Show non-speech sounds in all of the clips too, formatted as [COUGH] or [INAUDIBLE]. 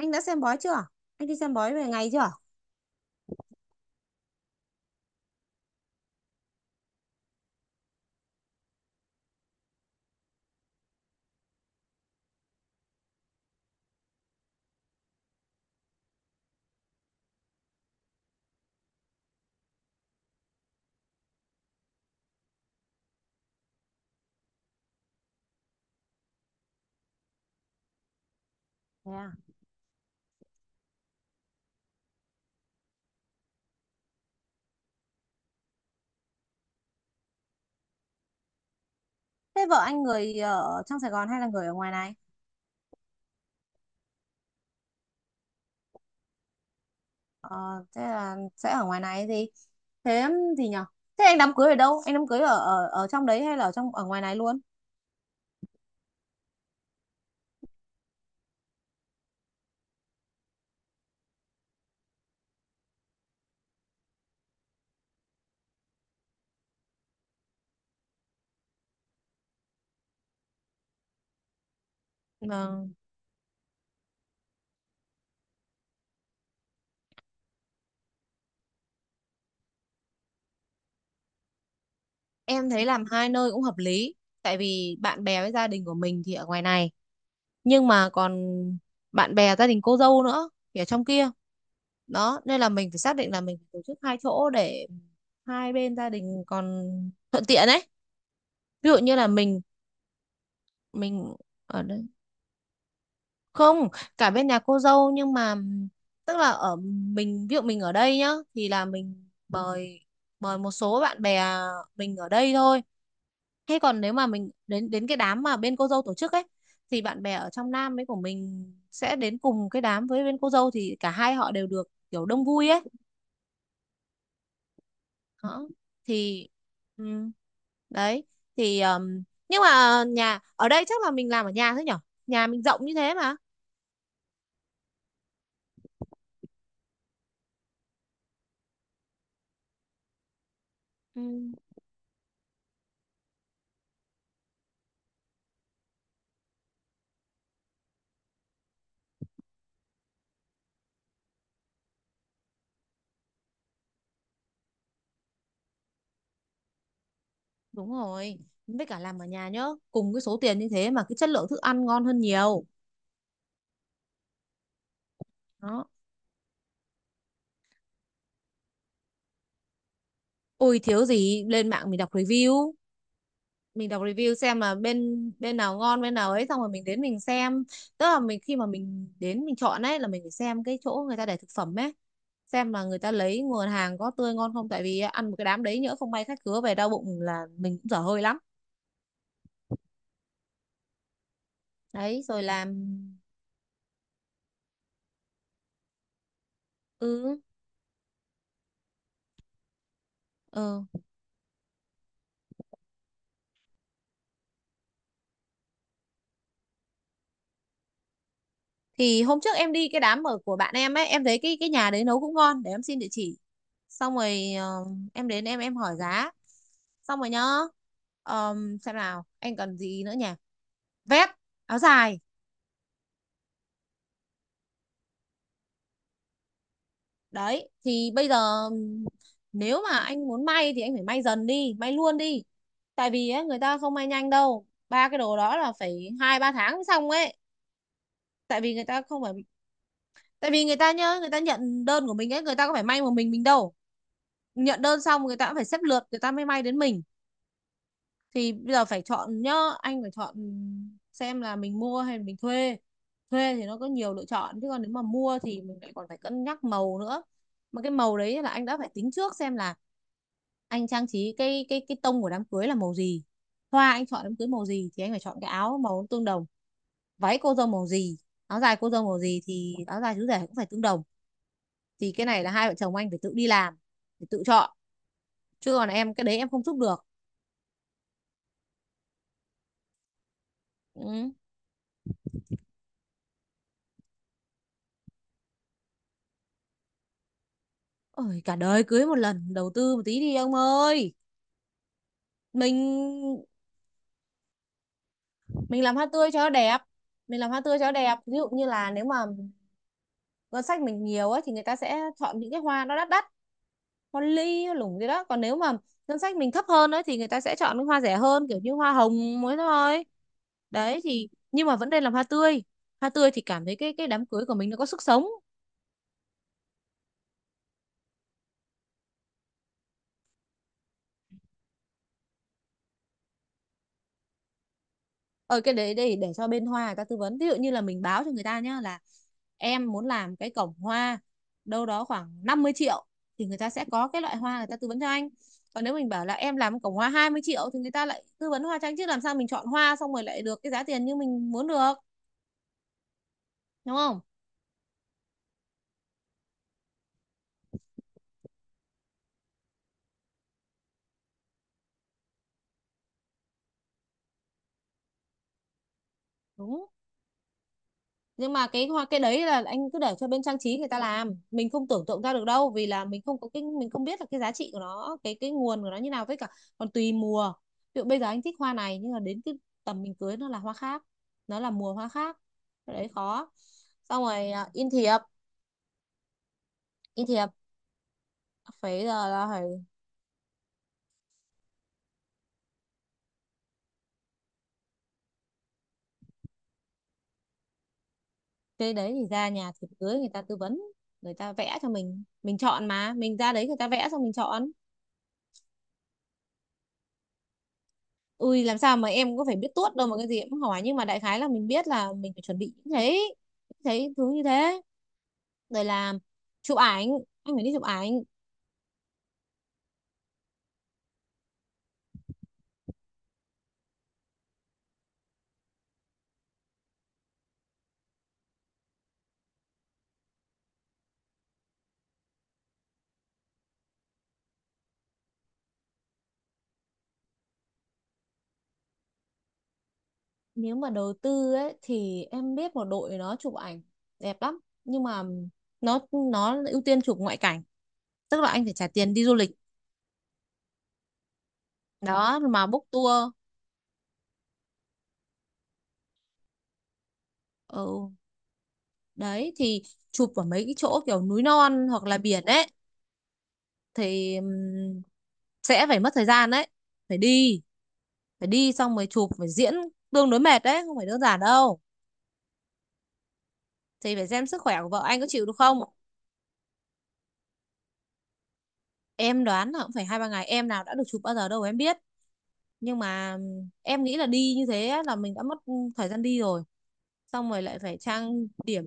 Anh đã xem bói chưa? Anh đi xem bói về ngày chưa? Thế à? Thế vợ anh người ở trong Sài Gòn hay là người ở ngoài này? Ờ, thế là sẽ ở ngoài này gì? Thế gì nhở? Thế anh đám cưới ở đâu? Anh đám cưới ở ở ở trong đấy hay là ở trong ở ngoài này luôn? Vâng, em thấy làm hai nơi cũng hợp lý. Tại vì bạn bè với gia đình của mình thì ở ngoài này, nhưng mà còn bạn bè gia đình cô dâu nữa thì ở trong kia, đó nên là mình phải xác định là mình phải tổ chức hai chỗ để hai bên gia đình còn thuận tiện ấy. Ví dụ như là mình mình ở đây không, cả bên nhà cô dâu nhưng mà tức là ở mình ví dụ mình ở đây nhá thì là mình mời, mời một số bạn bè mình ở đây thôi. Thế còn nếu mà mình đến đến cái đám mà bên cô dâu tổ chức ấy, thì bạn bè ở trong Nam ấy của mình sẽ đến cùng cái đám với bên cô dâu thì cả hai họ đều được kiểu đông vui ấy. Đó. Thì ừ, đấy thì nhưng mà nhà ở đây chắc là mình làm ở nhà thôi nhở? Nhà mình rộng như thế mà. Ừ, đúng rồi. Với cả làm ở nhà nhá, cùng cái số tiền như thế mà cái chất lượng thức ăn ngon hơn nhiều. Đó. Ôi thiếu gì, lên mạng mình đọc review, mình đọc review xem là bên bên nào ngon bên nào ấy, xong rồi mình đến mình xem. Tức là mình khi mà mình đến mình chọn ấy là mình phải xem cái chỗ người ta để thực phẩm ấy, xem là người ta lấy nguồn hàng có tươi ngon không, tại vì ăn một cái đám đấy nhỡ không may khách khứa về đau bụng là mình cũng dở hơi lắm. Đấy rồi làm. Ừ ừ, thì hôm trước em đi cái đám ở của bạn em ấy, em thấy cái nhà đấy nấu cũng ngon, để em xin địa chỉ, xong rồi em đến em hỏi giá, xong rồi nhá. Xem nào anh cần gì nữa nhỉ, vest, áo dài. Đấy thì bây giờ nếu mà anh muốn may thì anh phải may dần đi, may luôn đi, tại vì ấy, người ta không may nhanh đâu, ba cái đồ đó là phải hai ba tháng mới xong ấy. Tại vì người ta không phải, tại vì người ta nhớ, người ta nhận đơn của mình ấy, người ta có phải may một mình đâu, nhận đơn xong người ta cũng phải xếp lượt người ta mới may đến mình. Thì bây giờ phải chọn nhá, anh phải chọn xem là mình mua hay mình thuê. Thuê thì nó có nhiều lựa chọn chứ còn nếu mà mua thì mình lại còn phải cân nhắc màu nữa, mà cái màu đấy là anh đã phải tính trước xem là anh trang trí cái tông của đám cưới là màu gì, hoa anh chọn đám cưới màu gì thì anh phải chọn cái áo màu tương đồng. Váy cô dâu màu gì, áo dài cô dâu màu gì thì áo dài chú rể cũng phải tương đồng. Thì cái này là hai vợ chồng anh phải tự đi làm, phải tự chọn, chứ còn em cái đấy em không giúp được. Ừ. Ôi, cả đời cưới một lần, đầu tư một tí đi ông ơi. Mình mình làm hoa tươi cho nó đẹp, mình làm hoa tươi cho nó đẹp. Ví dụ như là nếu mà ngân sách mình nhiều ấy thì người ta sẽ chọn những cái hoa nó đắt đắt, hoa ly hoa lủng gì đó, còn nếu mà ngân sách mình thấp hơn ấy thì người ta sẽ chọn những hoa rẻ hơn, kiểu như hoa hồng mới thôi. Đấy thì nhưng mà vẫn nên làm hoa tươi, hoa tươi thì cảm thấy cái đám cưới của mình nó có sức sống. Ờ cái đấy để cho bên hoa người ta tư vấn, ví dụ như là mình báo cho người ta nhá là em muốn làm cái cổng hoa đâu đó khoảng 50 triệu thì người ta sẽ có cái loại hoa người ta tư vấn cho anh. Còn nếu mình bảo là em làm cổng hoa 20 triệu thì người ta lại tư vấn hoa cho anh, chứ làm sao mình chọn hoa xong rồi lại được cái giá tiền như mình muốn được, đúng không? Đúng, nhưng mà cái hoa cái đấy là anh cứ để cho bên trang trí người ta làm, mình không tưởng tượng ra được đâu, vì là mình không có cái, mình không biết là cái giá trị của nó, cái nguồn của nó như nào, với cả còn tùy mùa. Ví dụ bây giờ anh thích hoa này nhưng mà đến cái tầm mình cưới nó là hoa khác, nó là mùa hoa khác, cái đấy khó. Xong rồi à, in thiệp, in thiệp phải giờ là phải. Cái đấy thì ra nhà thiệp cưới người ta tư vấn, người ta vẽ cho mình chọn mà, mình ra đấy người ta vẽ xong mình chọn. Ui làm sao mà em có phải biết tuốt đâu mà cái gì em cũng hỏi, nhưng mà đại khái là mình biết là mình phải chuẩn bị những thế, những thế thứ như thế. Rồi là chụp ảnh, anh phải đi chụp ảnh. Nếu mà đầu tư ấy thì em biết một đội nó chụp ảnh đẹp lắm, nhưng mà nó nó ưu tiên chụp ngoại cảnh, tức là anh phải trả tiền đi du lịch, đó mà book tour. Ừ đấy thì chụp ở mấy cái chỗ kiểu núi non hoặc là biển ấy, thì sẽ phải mất thời gian đấy, phải đi, phải đi xong mới chụp, phải diễn, tương đối mệt đấy không phải đơn giản đâu. Thì phải xem sức khỏe của vợ anh có chịu được không. Em đoán là cũng phải hai ba ngày, em nào đã được chụp bao giờ đâu em biết, nhưng mà em nghĩ là đi như thế là mình đã mất thời gian đi rồi, xong rồi lại phải trang điểm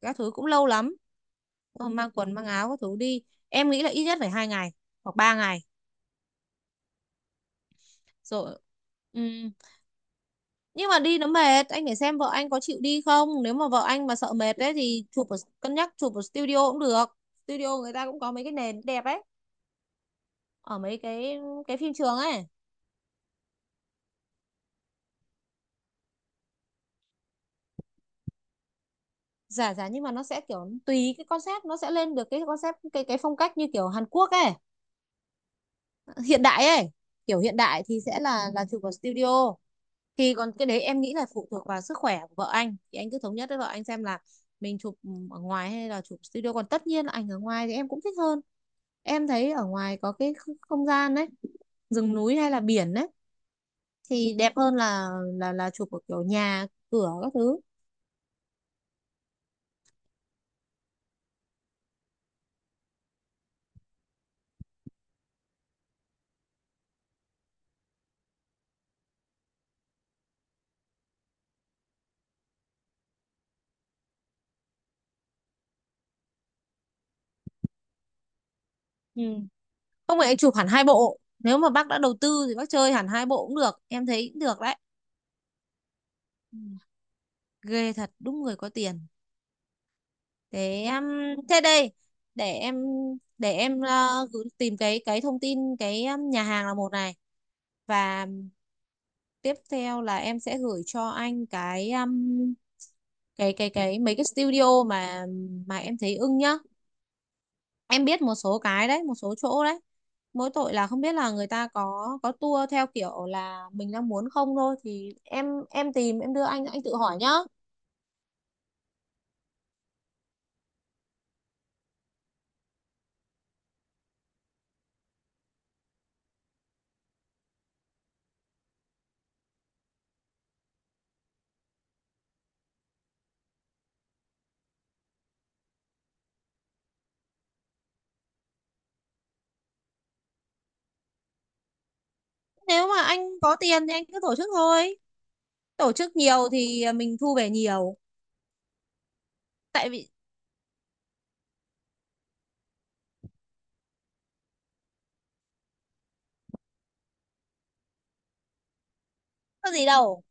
các thứ cũng lâu lắm, mang quần mang áo các thứ đi, em nghĩ là ít nhất phải hai ngày hoặc ba ngày. Rồi, ừ, nhưng mà đi nó mệt, anh phải xem vợ anh có chịu đi không, nếu mà vợ anh mà sợ mệt đấy thì chụp ở, cân nhắc chụp ở studio cũng được. Studio người ta cũng có mấy cái nền đẹp ấy, ở mấy cái phim trường ấy, giả giả nhưng mà nó sẽ kiểu tùy cái concept, nó sẽ lên được cái concept cái phong cách như kiểu Hàn Quốc ấy, hiện đại ấy. Kiểu hiện đại thì sẽ là chụp ở studio. Thì còn cái đấy em nghĩ là phụ thuộc vào sức khỏe của vợ anh, thì anh cứ thống nhất với vợ anh xem là mình chụp ở ngoài hay là chụp studio, còn tất nhiên là ảnh ở ngoài thì em cũng thích hơn. Em thấy ở ngoài có cái không gian đấy, rừng núi hay là biển đấy, thì đẹp hơn là là chụp ở kiểu nhà cửa các thứ. Ừ. Không phải chụp hẳn hai bộ, nếu mà bác đã đầu tư thì bác chơi hẳn hai bộ cũng được, em thấy cũng được đấy. Ừ. Ghê thật, đúng người có tiền. Thế em, thế đây, để em, tìm cái thông tin cái nhà hàng là một này, và tiếp theo là em sẽ gửi cho anh cái cái mấy cái studio mà em thấy ưng nhá. Em biết một số cái đấy, một số chỗ đấy, mỗi tội là không biết là người ta có tour theo kiểu là mình đang muốn không, thôi thì em tìm, em đưa anh tự hỏi nhá. Nếu mà anh có tiền thì anh cứ tổ chức thôi, tổ chức nhiều thì mình thu về nhiều. Tại vì có gì đâu,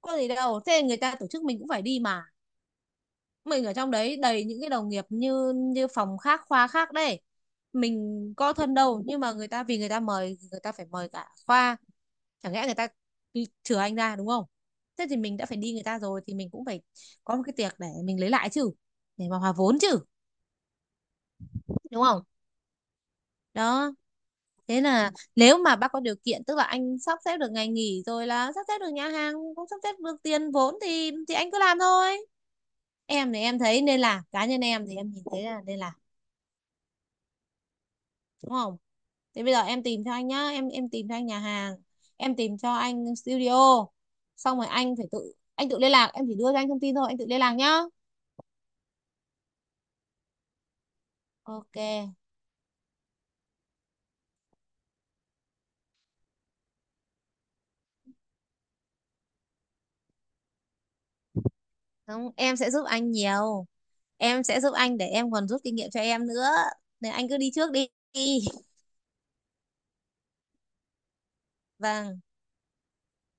có gì đâu, thế người ta tổ chức mình cũng phải đi mà, mình ở trong đấy đầy những cái đồng nghiệp như như phòng khác khoa khác đấy, mình có thân đâu nhưng mà người ta vì người ta mời, người ta phải mời cả khoa, chẳng lẽ người ta đi chừa anh ra, đúng không? Thế thì mình đã phải đi người ta rồi thì mình cũng phải có một cái tiệc để mình lấy lại chứ, để mà hòa vốn chứ, đúng không? Đó, thế là nếu mà bác có điều kiện, tức là anh sắp xếp được ngày nghỉ rồi, là sắp xếp được nhà hàng, cũng sắp xếp được tiền vốn, thì anh cứ làm thôi. Em thì em thấy nên làm, cá nhân em thì em nhìn thấy là nên làm, đúng không? Thì bây giờ em tìm cho anh nhá, em tìm cho anh nhà hàng, em tìm cho anh studio, xong rồi anh phải tự, anh tự liên lạc, em chỉ đưa cho anh thông tin thôi, anh tự liên lạc nhá. Ok. Không, em sẽ giúp anh nhiều, em sẽ giúp anh để em còn rút kinh nghiệm cho em nữa, nên anh cứ đi trước đi. [LAUGHS] Vâng.